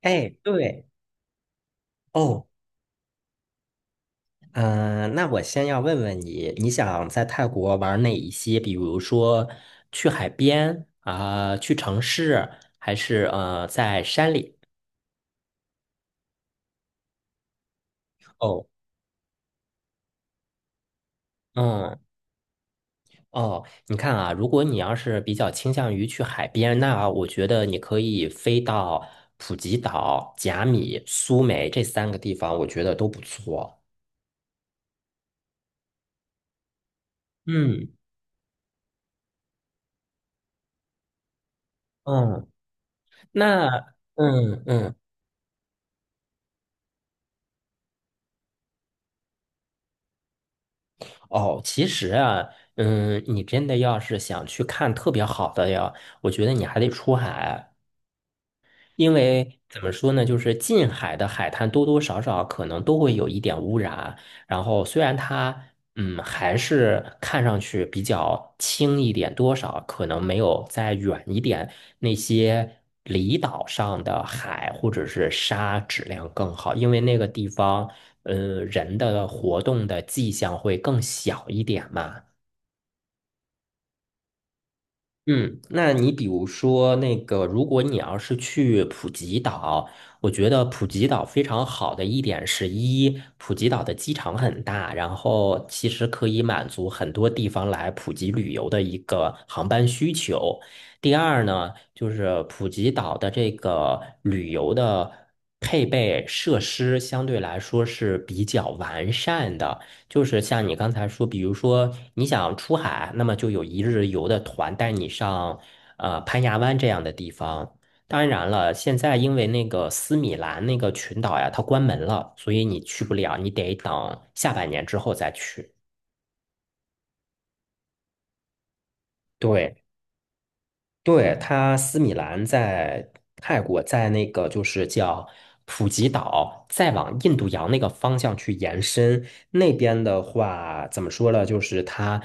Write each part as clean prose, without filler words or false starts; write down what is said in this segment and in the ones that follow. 哎，对哦，嗯、那我先要问问你，你想在泰国玩哪一些？比如说去海边啊、去城市，还是在山里？哦，嗯，哦，你看啊，如果你要是比较倾向于去海边，那我觉得你可以飞到普吉岛、甲米、苏梅这3个地方，我觉得都不错。嗯嗯，那嗯嗯。哦，其实啊，你真的要是想去看特别好的呀，我觉得你还得出海。因为怎么说呢，就是近海的海滩多多少少可能都会有一点污染，然后虽然它还是看上去比较轻一点，多少可能没有再远一点那些离岛上的海或者是沙质量更好，因为那个地方人的活动的迹象会更小一点嘛。嗯，那你比如说那个，如果你要是去普吉岛，我觉得普吉岛非常好的一点是一，普吉岛的机场很大，然后其实可以满足很多地方来普吉旅游的一个航班需求。第二呢，就是普吉岛的这个旅游的配备设施相对来说是比较完善的。就是像你刚才说，比如说你想出海，那么就有一日游的团带你上攀牙湾这样的地方。当然了，现在因为那个斯米兰那个群岛呀，它关门了，所以你去不了，你得等下半年之后再去。对。对，它斯米兰在泰国，在那个就是叫普吉岛，再往印度洋那个方向去延伸。那边的话，怎么说呢？就是它，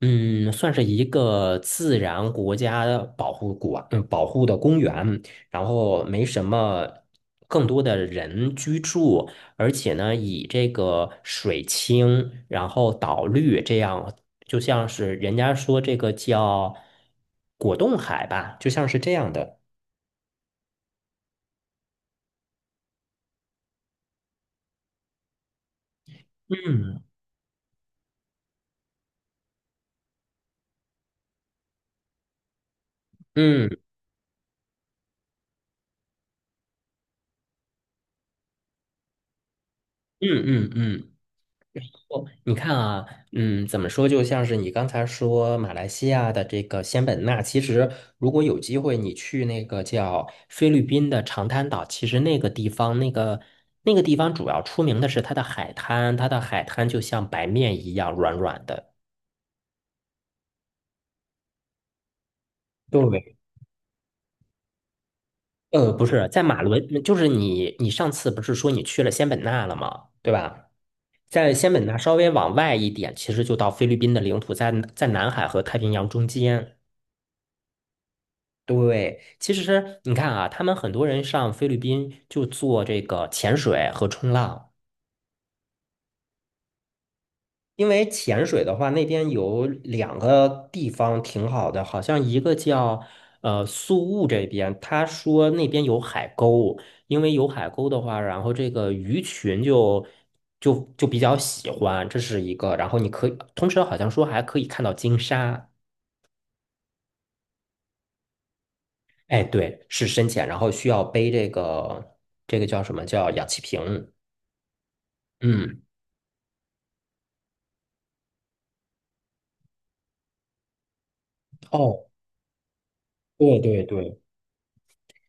算是一个自然国家保护国，保护的公园。然后没什么更多的人居住，而且呢，以这个水清，然后岛绿这样，就像是人家说这个叫果冻海吧，就像是这样的。嗯嗯嗯嗯嗯，哦，你看啊，怎么说？就像是你刚才说马来西亚的这个仙本那，其实如果有机会，你去那个叫菲律宾的长滩岛，其实那个地方，那个地方主要出名的是它的海滩，它的海滩就像白面一样软软的。对，不是，在马伦，就是你上次不是说你去了仙本那了吗？对吧？在仙本那稍微往外一点，其实就到菲律宾的领土，在南海和太平洋中间。对，其实你看啊，他们很多人上菲律宾就做这个潜水和冲浪，因为潜水的话，那边有两个地方挺好的，好像一个叫宿务这边，他说那边有海沟，因为有海沟的话，然后这个鱼群就比较喜欢，这是一个，然后你可以，同时好像说还可以看到鲸鲨，哎，对，是深潜，然后需要背这个叫什么叫氧气瓶。嗯。哦，对对对，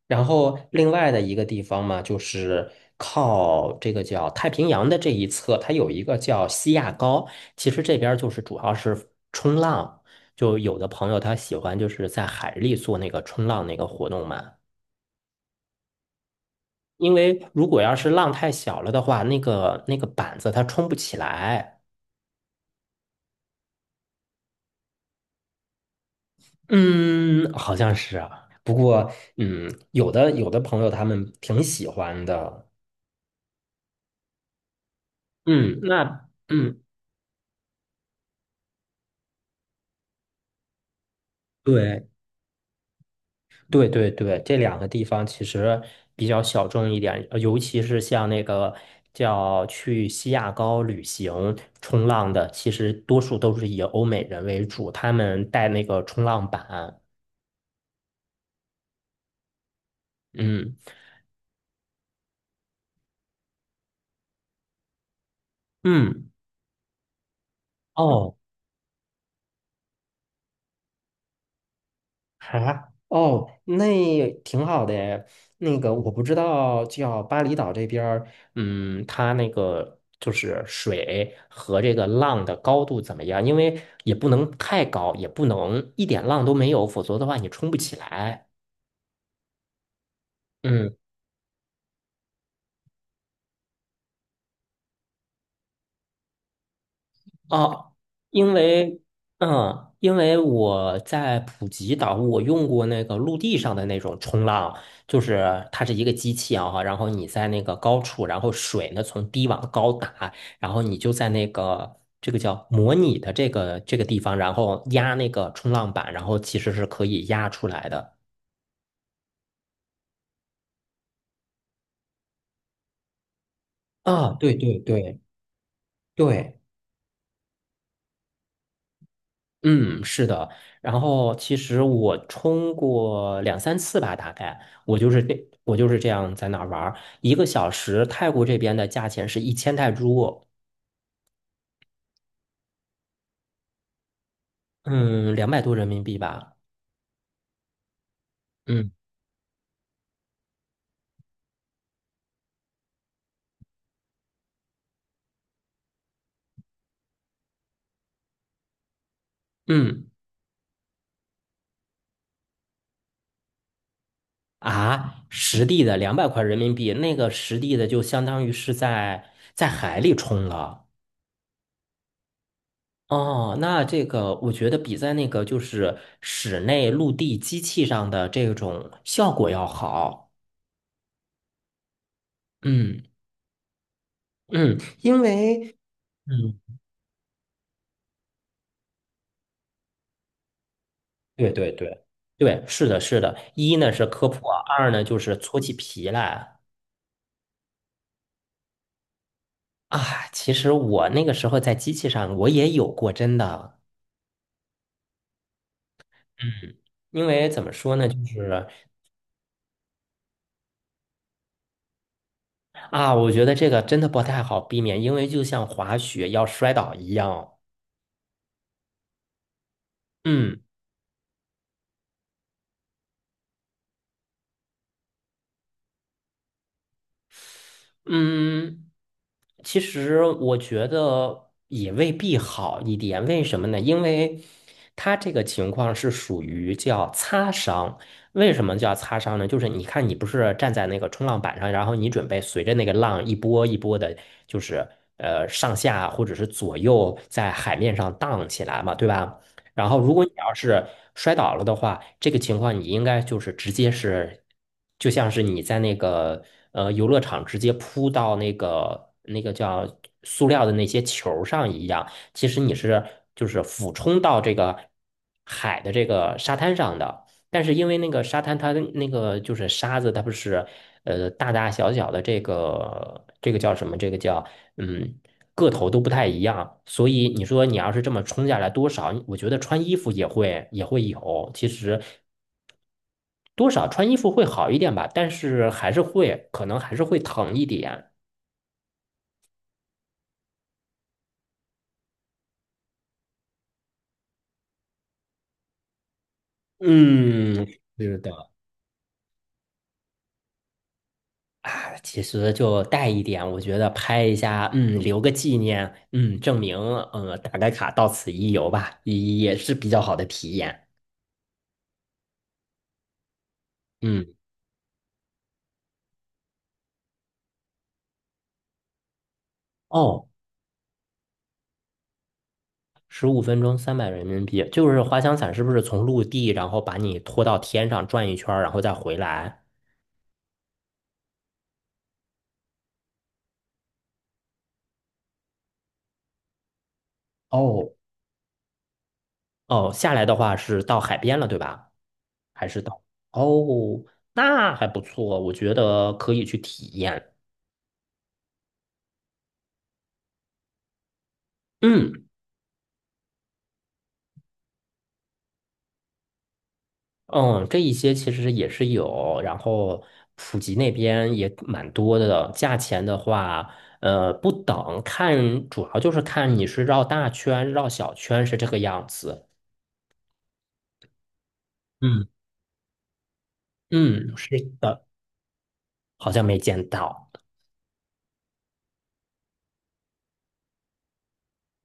然后另外的一个地方嘛，就是靠这个叫太平洋的这一侧，它有一个叫西亚高。其实这边儿就是主要是冲浪，就有的朋友他喜欢就是在海里做那个冲浪那个活动嘛。因为如果要是浪太小了的话，那个板子它冲不起来。嗯，好像是啊。不过，有的朋友他们挺喜欢的。嗯，那嗯。对。对对对，这两个地方其实比较小众一点，尤其是像那个叫去西雅高旅行冲浪的，其实多数都是以欧美人为主，他们带那个冲浪板。嗯嗯，哦。啊，哦，那也挺好的诶那个我不知道，叫巴厘岛这边儿，它那个就是水和这个浪的高度怎么样？因为也不能太高，也不能一点浪都没有，否则的话你冲不起来。嗯。哦，因为因为我在普吉岛，我用过那个陆地上的那种冲浪，就是它是一个机器啊，然后你在那个高处，然后水呢从低往高打，然后你就在那个这个叫模拟的这个地方，然后压那个冲浪板，然后其实是可以压出来的。啊，对对对对。嗯，是的。然后其实我冲过两三次吧，大概我就是这样在那儿玩儿，1个小时，泰国这边的价钱是1000泰铢，嗯，200多人民币吧。嗯嗯啊，实地的200块人民币，那个实地的就相当于是在海里冲了。哦，那这个我觉得比在那个就是室内陆地机器上的这种效果要好。嗯。嗯因为嗯，对对对对，是的，是的。一呢是科普啊二呢就是搓起皮来啊。其实我那个时候在机器上我也有过，真的。嗯，因为怎么说呢，就是啊，我觉得这个真的不太好避免，因为就像滑雪要摔倒一样。嗯。嗯，其实我觉得也未必好一点，为什么呢？因为他这个情况是属于叫擦伤。为什么叫擦伤呢？就是你看，你不是站在那个冲浪板上，然后你准备随着那个浪一波一波的，就是上下或者是左右在海面上荡起来嘛，对吧？然后，如果你要是摔倒了的话，这个情况你应该就是直接是，就像是你在那个游乐场直接扑到那个叫塑料的那些球儿上一样，其实你是就是俯冲到这个海的这个沙滩上的。但是因为那个沙滩它的那个就是沙子，它不是大大小小的这个叫什么？这个叫嗯。个头都不太一样，所以你说你要是这么冲下来多少，我觉得穿衣服也会有，其实多少穿衣服会好一点吧，但是还是会可能还是会疼一点。嗯，是的啊，其实就带一点，我觉得拍一下，留个纪念，证明，打个卡，到此一游吧，也是比较好的体验。嗯，哦，15分钟300人民币，就是滑翔伞是不是从陆地，然后把你拖到天上转一圈儿，然后再回来？哦哦，下来的话是到海边了，对吧？还是到？哦，那还不错，我觉得可以去体验。嗯嗯，这一些其实也是有，然后普吉那边也蛮多的。价钱的话，不等，看主要就是看你是绕大圈、绕小圈是这个样子。嗯。嗯，是的，好像没见到。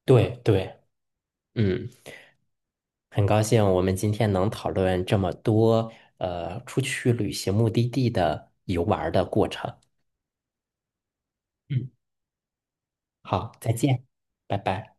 对对，嗯，很高兴我们今天能讨论这么多，出去旅行目的地的游玩儿的过程。嗯，好，再见，拜拜。